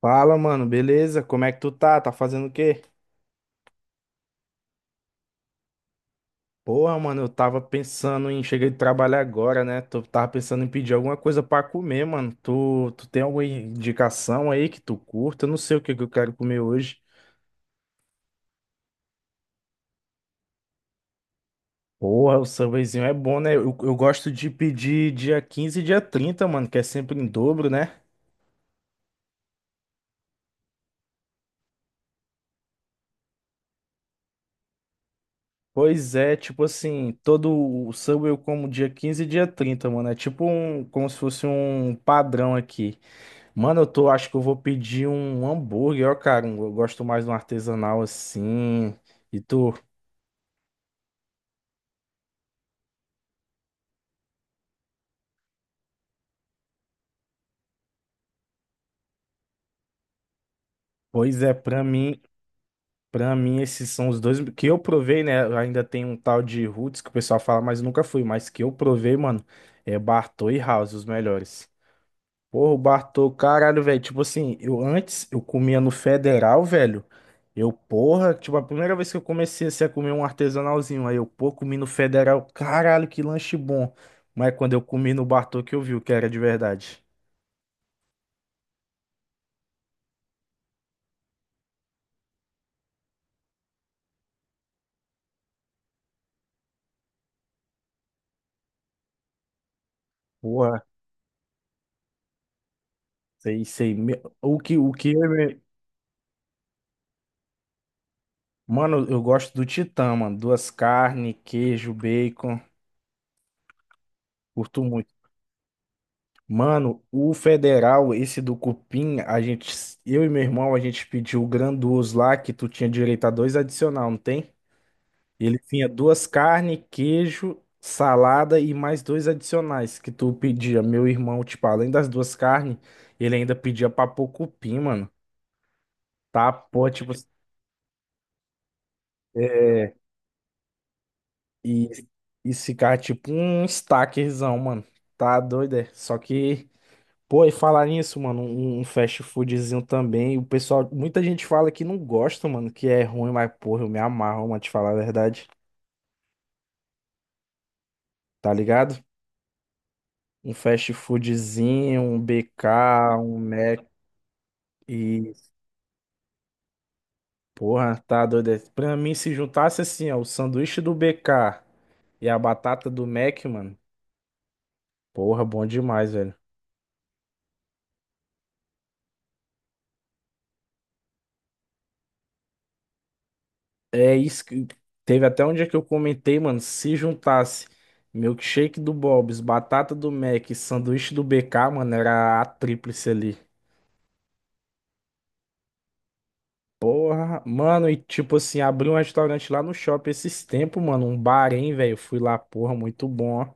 Fala, mano, beleza? Como é que tu tá? Tá fazendo o quê? Porra, mano, eu tava pensando em. Cheguei de trabalhar agora, né? Tu tava pensando em pedir alguma coisa pra comer, mano. Tu tem alguma indicação aí que tu curta? Eu não sei o que que eu quero comer hoje. Porra, o sambazinho é bom, né? Eu gosto de pedir dia 15 e dia 30, mano, que é sempre em dobro, né? Pois é, tipo assim, todo o samba eu como dia 15 e dia 30, mano. É tipo um, como se fosse um padrão aqui. Mano, eu tô, acho que eu vou pedir um hambúrguer, ó, cara. Eu gosto mais de um artesanal assim. E tu? Pois é, pra mim esses são os dois que eu provei, né? Ainda tem um tal de Roots que o pessoal fala, mas nunca fui, mas que eu provei, mano, é Bartô e House, os melhores. Porra, o Bartô, caralho, velho. Tipo assim, eu antes eu comia no Federal, velho. Eu, porra, tipo, a primeira vez que eu comecei assim, a comer um artesanalzinho. Aí eu, pô, comi no Federal. Caralho, que lanche bom. Mas quando eu comi no Bartô que eu vi o que era de verdade. Porra, sei, sei. Me- O que, o que. Mano, eu gosto do Titã, mano. Duas carnes, queijo, bacon. Curto muito. Mano, o federal, esse do cupim, a gente, eu e meu irmão, a gente pediu o grandioso lá que tu tinha direito a dois adicional, não tem? Ele tinha duas carnes, queijo, salada e mais dois adicionais que tu pedia. Meu irmão, tipo, além das duas carnes, ele ainda pedia pra pôr cupim, mano. Tá, pô, tipo, é, e, e ficar tipo um stackerzão, mano. Tá doido, é? Só que Pô, e falar nisso, mano, um fast foodzinho também. O pessoal, muita gente fala que não gosta, mano, que é ruim, mas porra, eu me amarro, mano, te falar a verdade. Tá ligado? Um fast foodzinho, um BK, um Mac e porra, tá doido. É, Pra mim, se juntasse assim, ó, o sanduíche do BK e a batata do Mac, mano, porra, bom demais, velho. É isso que teve até um dia que eu comentei, mano, se juntasse milkshake do Bob's, batata do Mac, e sanduíche do BK, mano, era a tríplice ali. Porra, mano, e tipo assim, abri um restaurante lá no shopping esses tempos, mano, um bar, hein, velho, fui lá, porra, muito bom, ó.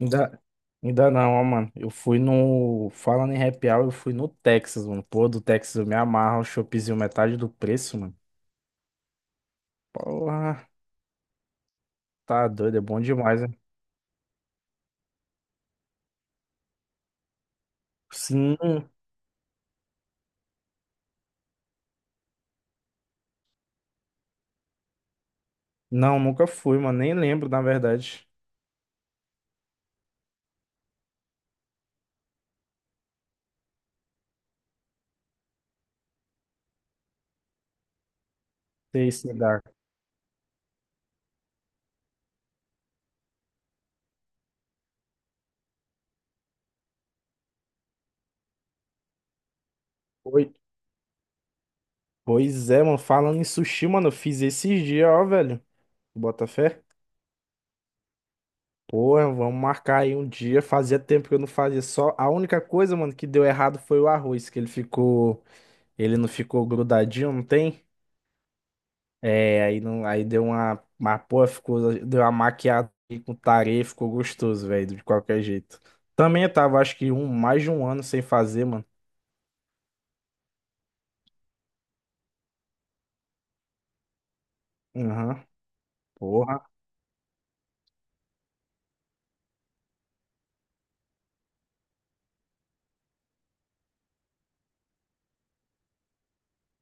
Ainda, ainda não, ó, mano, eu fui no, falando em happy hour, eu fui no Texas, mano, pô, do Texas eu me amarro, um choppzinho metade do preço, mano. Porra, tá doido, é bom demais, né? Sim. Não, nunca fui, mano. Nem lembro, na verdade, ter esse lugar. Oi. Pois é, mano. Falando em sushi, mano, eu fiz esses dias, ó, velho. Bota fé. Porra, vamos marcar aí um dia. Fazia tempo que eu não fazia só. A única coisa, mano, que deu errado foi o arroz, que ele ficou. Ele não ficou grudadinho, não tem? É, aí não. Aí deu uma. Mas, porra, ficou. Deu uma maquiada aí com tareia, ficou gostoso, velho, de qualquer jeito. Também eu tava, acho que um, mais de um ano sem fazer, mano. Aham. Porra.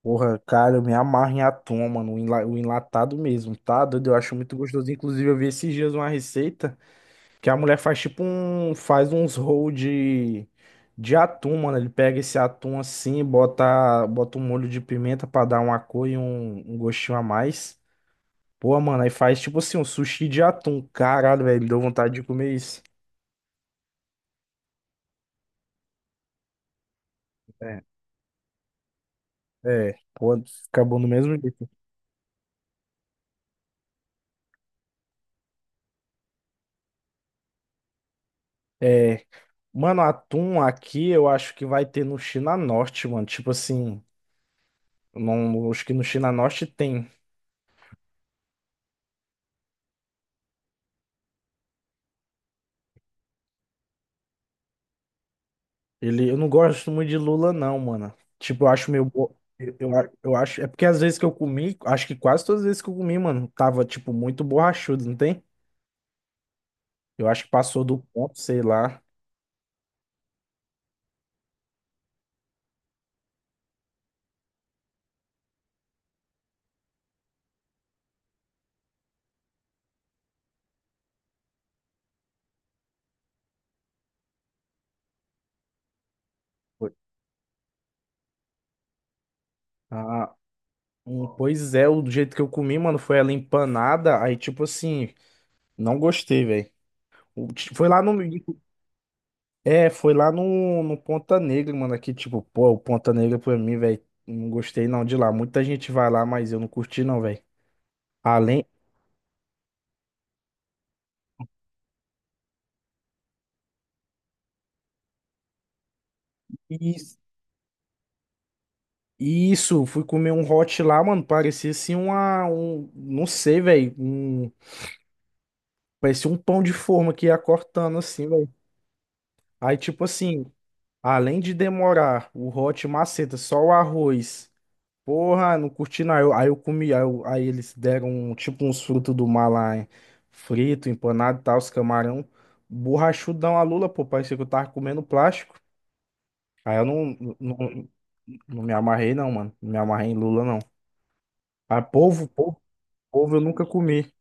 Porra, cara, eu me amarro em atum, mano, o o enlatado mesmo, tá? Doido, eu acho muito gostoso. Inclusive, eu vi esses dias uma receita que a mulher faz tipo um, faz uns roll de atum, mano. Ele pega esse atum assim, bota, bota um molho de pimenta pra dar uma cor e um gostinho a mais. Pô, mano, aí faz tipo assim um sushi de atum. Caralho, velho, deu vontade de comer isso. É, é, pô, acabou no mesmo jeito. É, mano, atum aqui eu acho que vai ter no China Norte, mano. Tipo assim. Não, acho que no China Norte tem. Ele, eu não gosto muito de lula, não, mano. Tipo, eu acho meio. Eu acho. É porque às vezes que eu comi, acho que quase todas as vezes que eu comi, mano, tava, tipo, muito borrachudo, não tem? Eu acho que passou do ponto, sei lá. Foi. Ah, pois é, o jeito que eu comi, mano, foi ela empanada. Aí, tipo assim, não gostei, velho. Foi lá no. É, foi lá no, no Ponta Negra, mano. Aqui, tipo, pô, o Ponta Negra pra mim, velho. Não gostei não de lá. Muita gente vai lá, mas eu não curti não, velho. Além. Is- Isso, fui comer um hot lá, mano. Parecia assim uma. Um, não sei, velho. Um, parecia um pão de forma que ia cortando assim, velho. Aí, tipo assim, além de demorar o hot maceta, só o arroz. Porra, não curti não. Aí eu comi, aí eles deram um, tipo uns frutos do mar lá, hein? Frito, empanado e tal, os camarão. Borrachudão a lula, pô. Parecia que eu tava comendo plástico. Aí eu não, não não me amarrei, não, mano. Não me amarrei em lula, não. Ah, polvo eu nunca comi.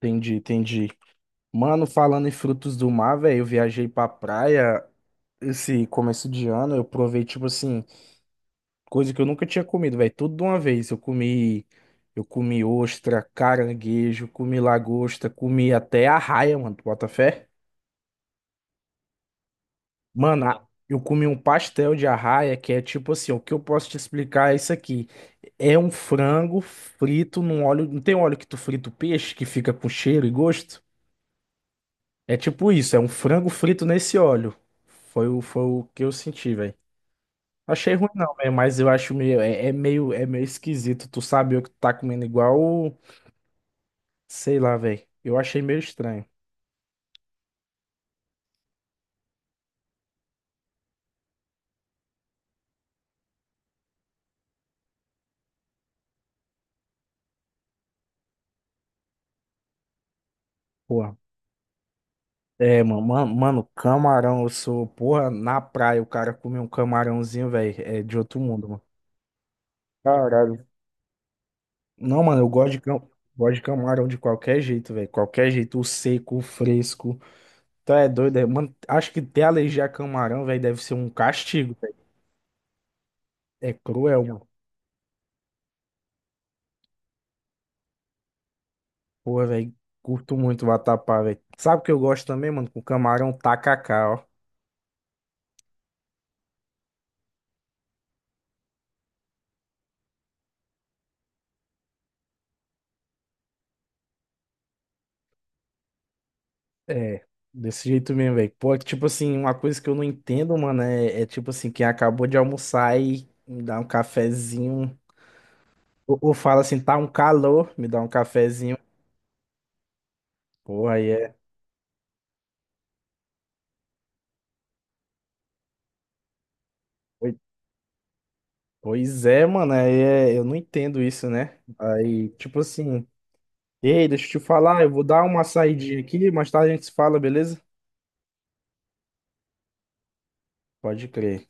Entendi, entendi. Mano, falando em frutos do mar, velho, eu viajei pra praia esse começo de ano, eu provei, tipo assim, coisa que eu nunca tinha comido, velho, tudo de uma vez. Eu comi ostra, caranguejo, comi lagosta, comi até arraia, mano, tu bota fé? Mano, eu comi um pastel de arraia, que é tipo assim, o que eu posso te explicar é isso aqui. É um frango frito num óleo, não tem óleo que tu frita o peixe, que fica com cheiro e gosto? É tipo isso, é um frango frito nesse óleo. Foi o que eu senti, velho. Achei ruim não, velho, mas eu acho meio é, é meio esquisito. Tu sabe o que tu tá comendo igual, sei lá, velho. Eu achei meio estranho. Porra. É, mano, camarão, eu sou, porra, na praia o cara comer um camarãozinho, velho, é de outro mundo, mano. Caralho. Não, mano, eu gosto de, cam... gosto de camarão de qualquer jeito, velho. Qualquer jeito, o seco, o fresco. Tu é doido, é? Mano, acho que ter alergia a camarão, velho, deve ser um castigo. É cruel, mano. Pô velho. Curto muito o vatapá, velho. Sabe o que eu gosto também, mano? Com camarão tacacá, ó. É, desse jeito mesmo, velho. Pô, é que, tipo assim, uma coisa que eu não entendo, mano, é, é tipo assim, quem acabou de almoçar e me dá um cafezinho. Ou fala assim, tá um calor, me dá um cafezinho. Pô aí é. Oi- Pois é, mano, aí é, eu não entendo isso, né? Aí, tipo assim, ei, deixa eu te falar, eu vou dar uma saidinha aqui, mais tarde a gente se fala, beleza? Pode crer.